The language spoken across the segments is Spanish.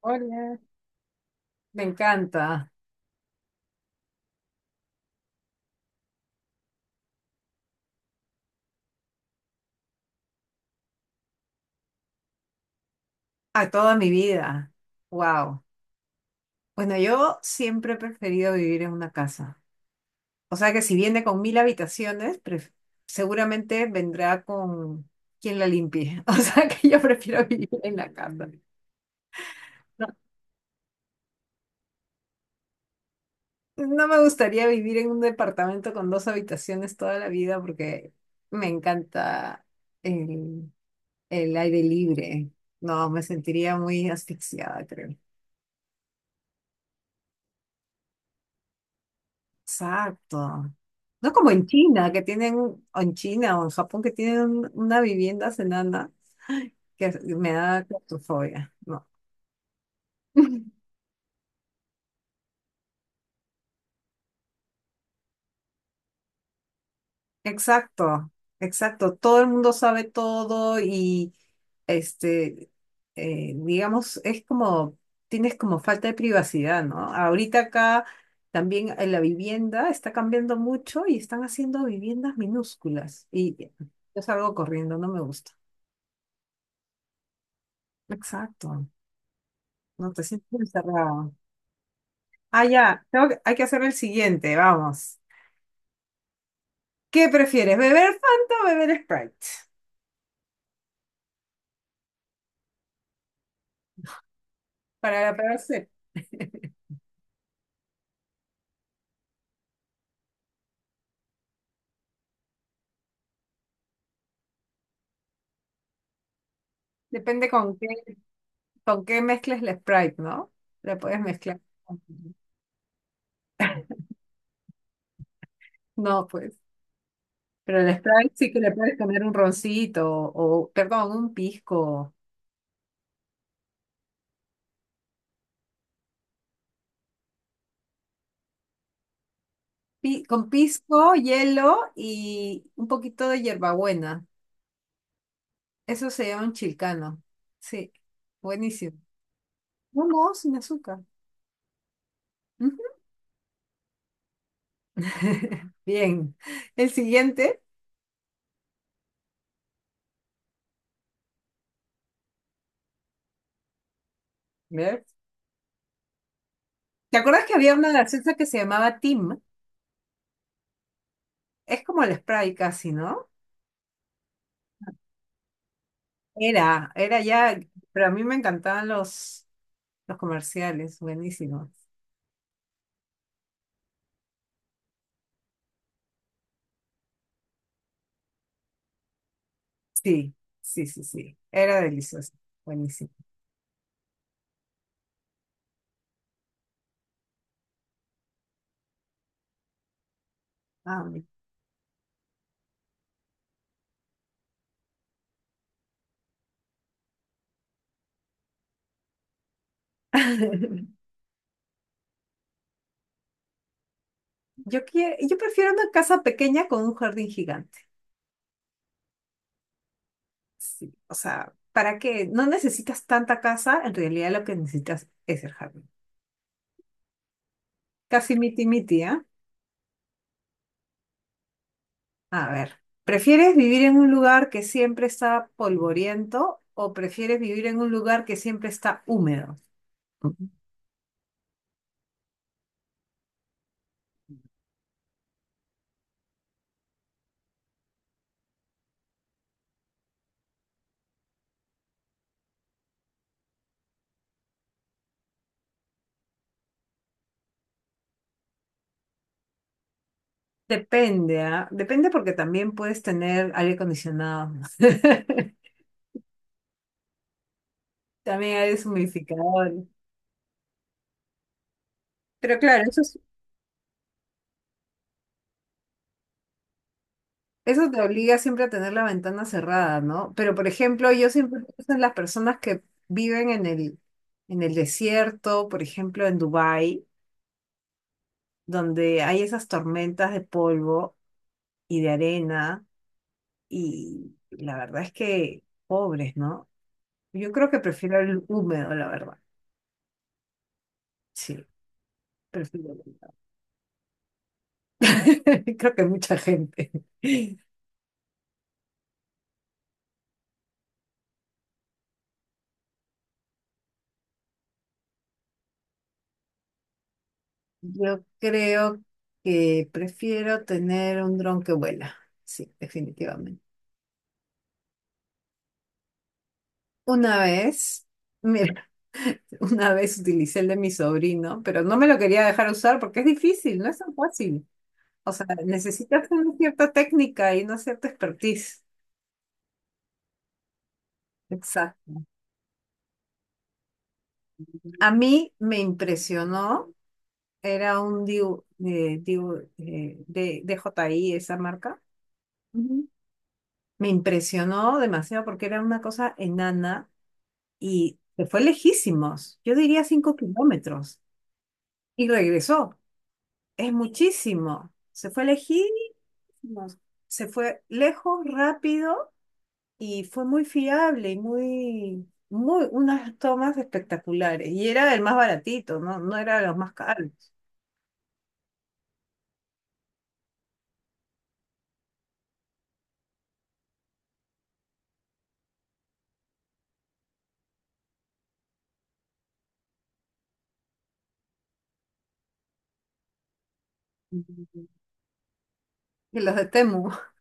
Hola. Me encanta. A toda mi vida. Wow. Bueno, yo siempre he preferido vivir en una casa. O sea que si viene con 1000 habitaciones, seguramente vendrá con quien la limpie. O sea que yo prefiero vivir en la casa. No, no me gustaría vivir en un departamento con dos habitaciones toda la vida porque me encanta el, el aire libre. No, me sentiría muy asfixiada, creo. Exacto. No como en China, que tienen, o en China o en Japón, que tienen una vivienda enana, que me da claustrofobia. No. Exacto, exacto. Todo el mundo sabe todo y, este, digamos, es como, tienes como falta de privacidad, ¿no? Ahorita acá también en la vivienda está cambiando mucho y están haciendo viviendas minúsculas y yo salgo corriendo, no me gusta. Exacto. No te sientes encerrado. Ah, ya. Hay que hacer el siguiente, vamos. ¿Qué prefieres, beber Fanta o beber Sprite? Para la peor sed. Depende con qué mezcles el Sprite, ¿no? La puedes mezclar. No, pues. Pero el Sprite sí que le puedes poner un roncito o, perdón, un pisco. Con pisco, hielo y un poquito de hierbabuena. Eso se llama un chilcano. Sí, buenísimo. No, no, sin azúcar. Bien. El siguiente, ¿ves? ¿Te acuerdas que había una gaseosa que se llamaba Tim? Es como el Sprite casi, ¿no? Era ya, pero a mí me encantaban los comerciales, buenísimos. Sí, sí, sí, sí. Era delicioso, buenísimo. Ah, mira. Yo prefiero una casa pequeña con un jardín gigante. Sí, o sea, ¿para qué? No necesitas tanta casa, en realidad lo que necesitas es el jardín. Casi miti-miti, ¿eh? A ver, ¿prefieres vivir en un lugar que siempre está polvoriento o prefieres vivir en un lugar que siempre está húmedo? Ujú. Depende, ¿ah? Depende porque también puedes tener aire acondicionado, también aire humidificador. Pero claro, eso te obliga siempre a tener la ventana cerrada, ¿no? Pero por ejemplo, yo siempre pienso en las personas que viven en el desierto, por ejemplo, en Dubái, donde hay esas tormentas de polvo y de arena y la verdad es que pobres, ¿no? Yo creo que prefiero el húmedo, la verdad. Sí, prefiero el húmedo. Creo que mucha gente. Yo creo que prefiero tener un dron que vuela. Sí, definitivamente. Una vez, mira, una vez utilicé el de mi sobrino, pero no me lo quería dejar usar porque es difícil, no es tan fácil. O sea, necesitas una cierta técnica y una cierta expertise. Exacto. A mí me impresionó. Era un DJI, esa marca. Ujú. Me impresionó demasiado porque era una cosa enana y se fue lejísimos. Yo diría 5 kilómetros. Y regresó. Es muchísimo. Se fue lejísimos. Se fue lejos, rápido y fue muy fiable y muy, muy, unas tomas espectaculares. Y era el más baratito, ¿no? No era de los más caros. Ujú. Y los de Temu. Ajá.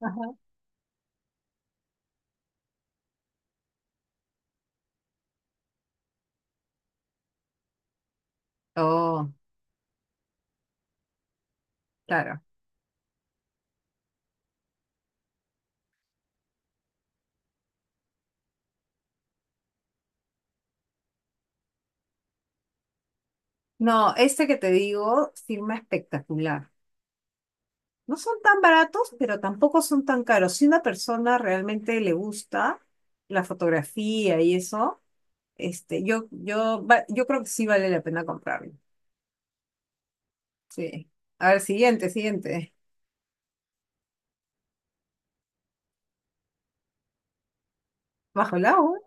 Oh. Claro. No, este que te digo, firma espectacular. No son tan baratos, pero tampoco son tan caros. Si una persona realmente le gusta la fotografía y eso, yo creo que sí vale la pena comprarlo. Sí. A ver, siguiente, siguiente. Bajo el agua.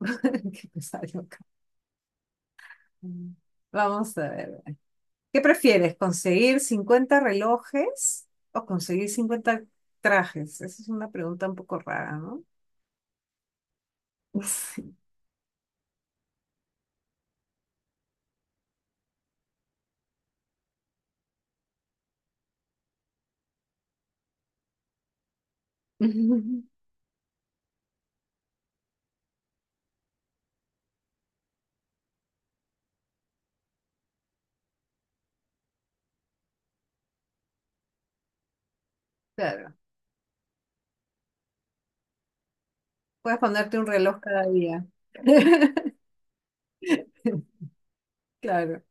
Qué pesado acá. Vamos a ver. ¿Qué prefieres? ¿Conseguir 50 relojes o conseguir 50 trajes? Esa es una pregunta un poco rara, ¿no? Sí. Claro. Puedes ponerte un reloj cada día. Claro.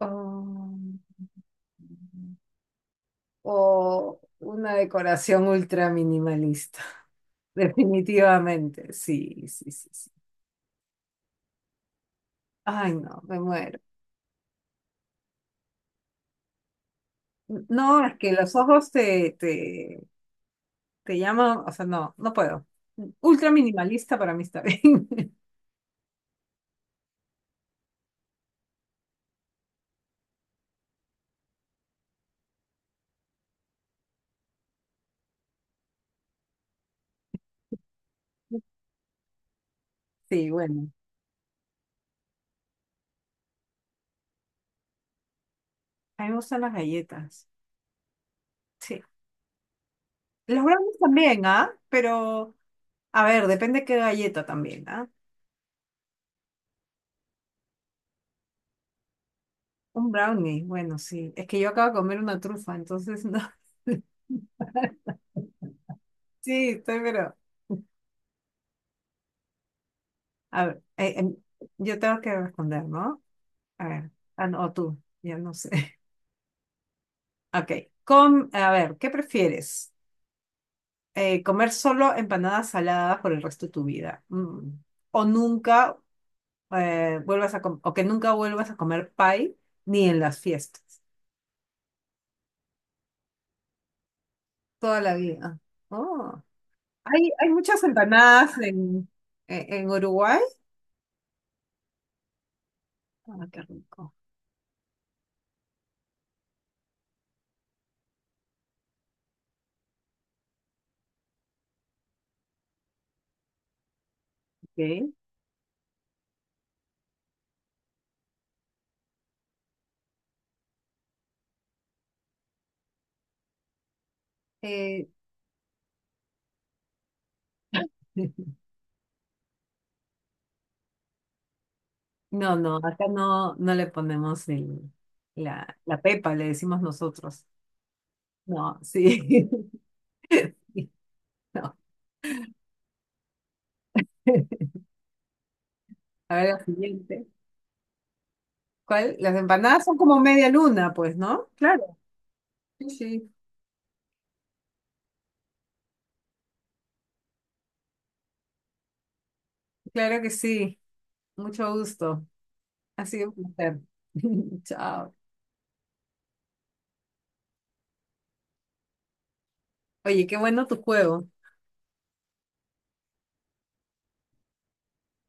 O, o una decoración ultra minimalista. Definitivamente. Sí, sí, sí, sí. Ay, no, me muero. No, es que los ojos te llaman, o sea, no, no puedo. Ultra minimalista para mí está bien. Sí, bueno. A mí me gustan las galletas. Sí. Los brownies también, ¿ah? Pero, a ver, depende qué galleta también, ¿ah? Un brownie, bueno, sí. Es que yo acabo de comer una trufa, entonces no. Sí, estoy, pero. A ver, yo tengo que responder, ¿no? A ver, ah, no, o tú, ya no sé. Ok. A ver, ¿qué prefieres? ¿Comer solo empanadas saladas por el resto de tu vida? Mm. O nunca o que nunca vuelvas a comer pie ni en las fiestas. Toda la vida. Oh. Hay muchas empanadas en Uruguay. Ah, qué rico. Ok. Eh, no, no, acá no, no le ponemos la pepa, le decimos nosotros. No, sí. Sí, no. A ver, la siguiente. ¿Cuál? Las empanadas son como media luna, pues, ¿no? Claro. Sí, sí, claro que sí. Mucho gusto. Ha sido un placer. Chao. Oye, qué bueno tu juego.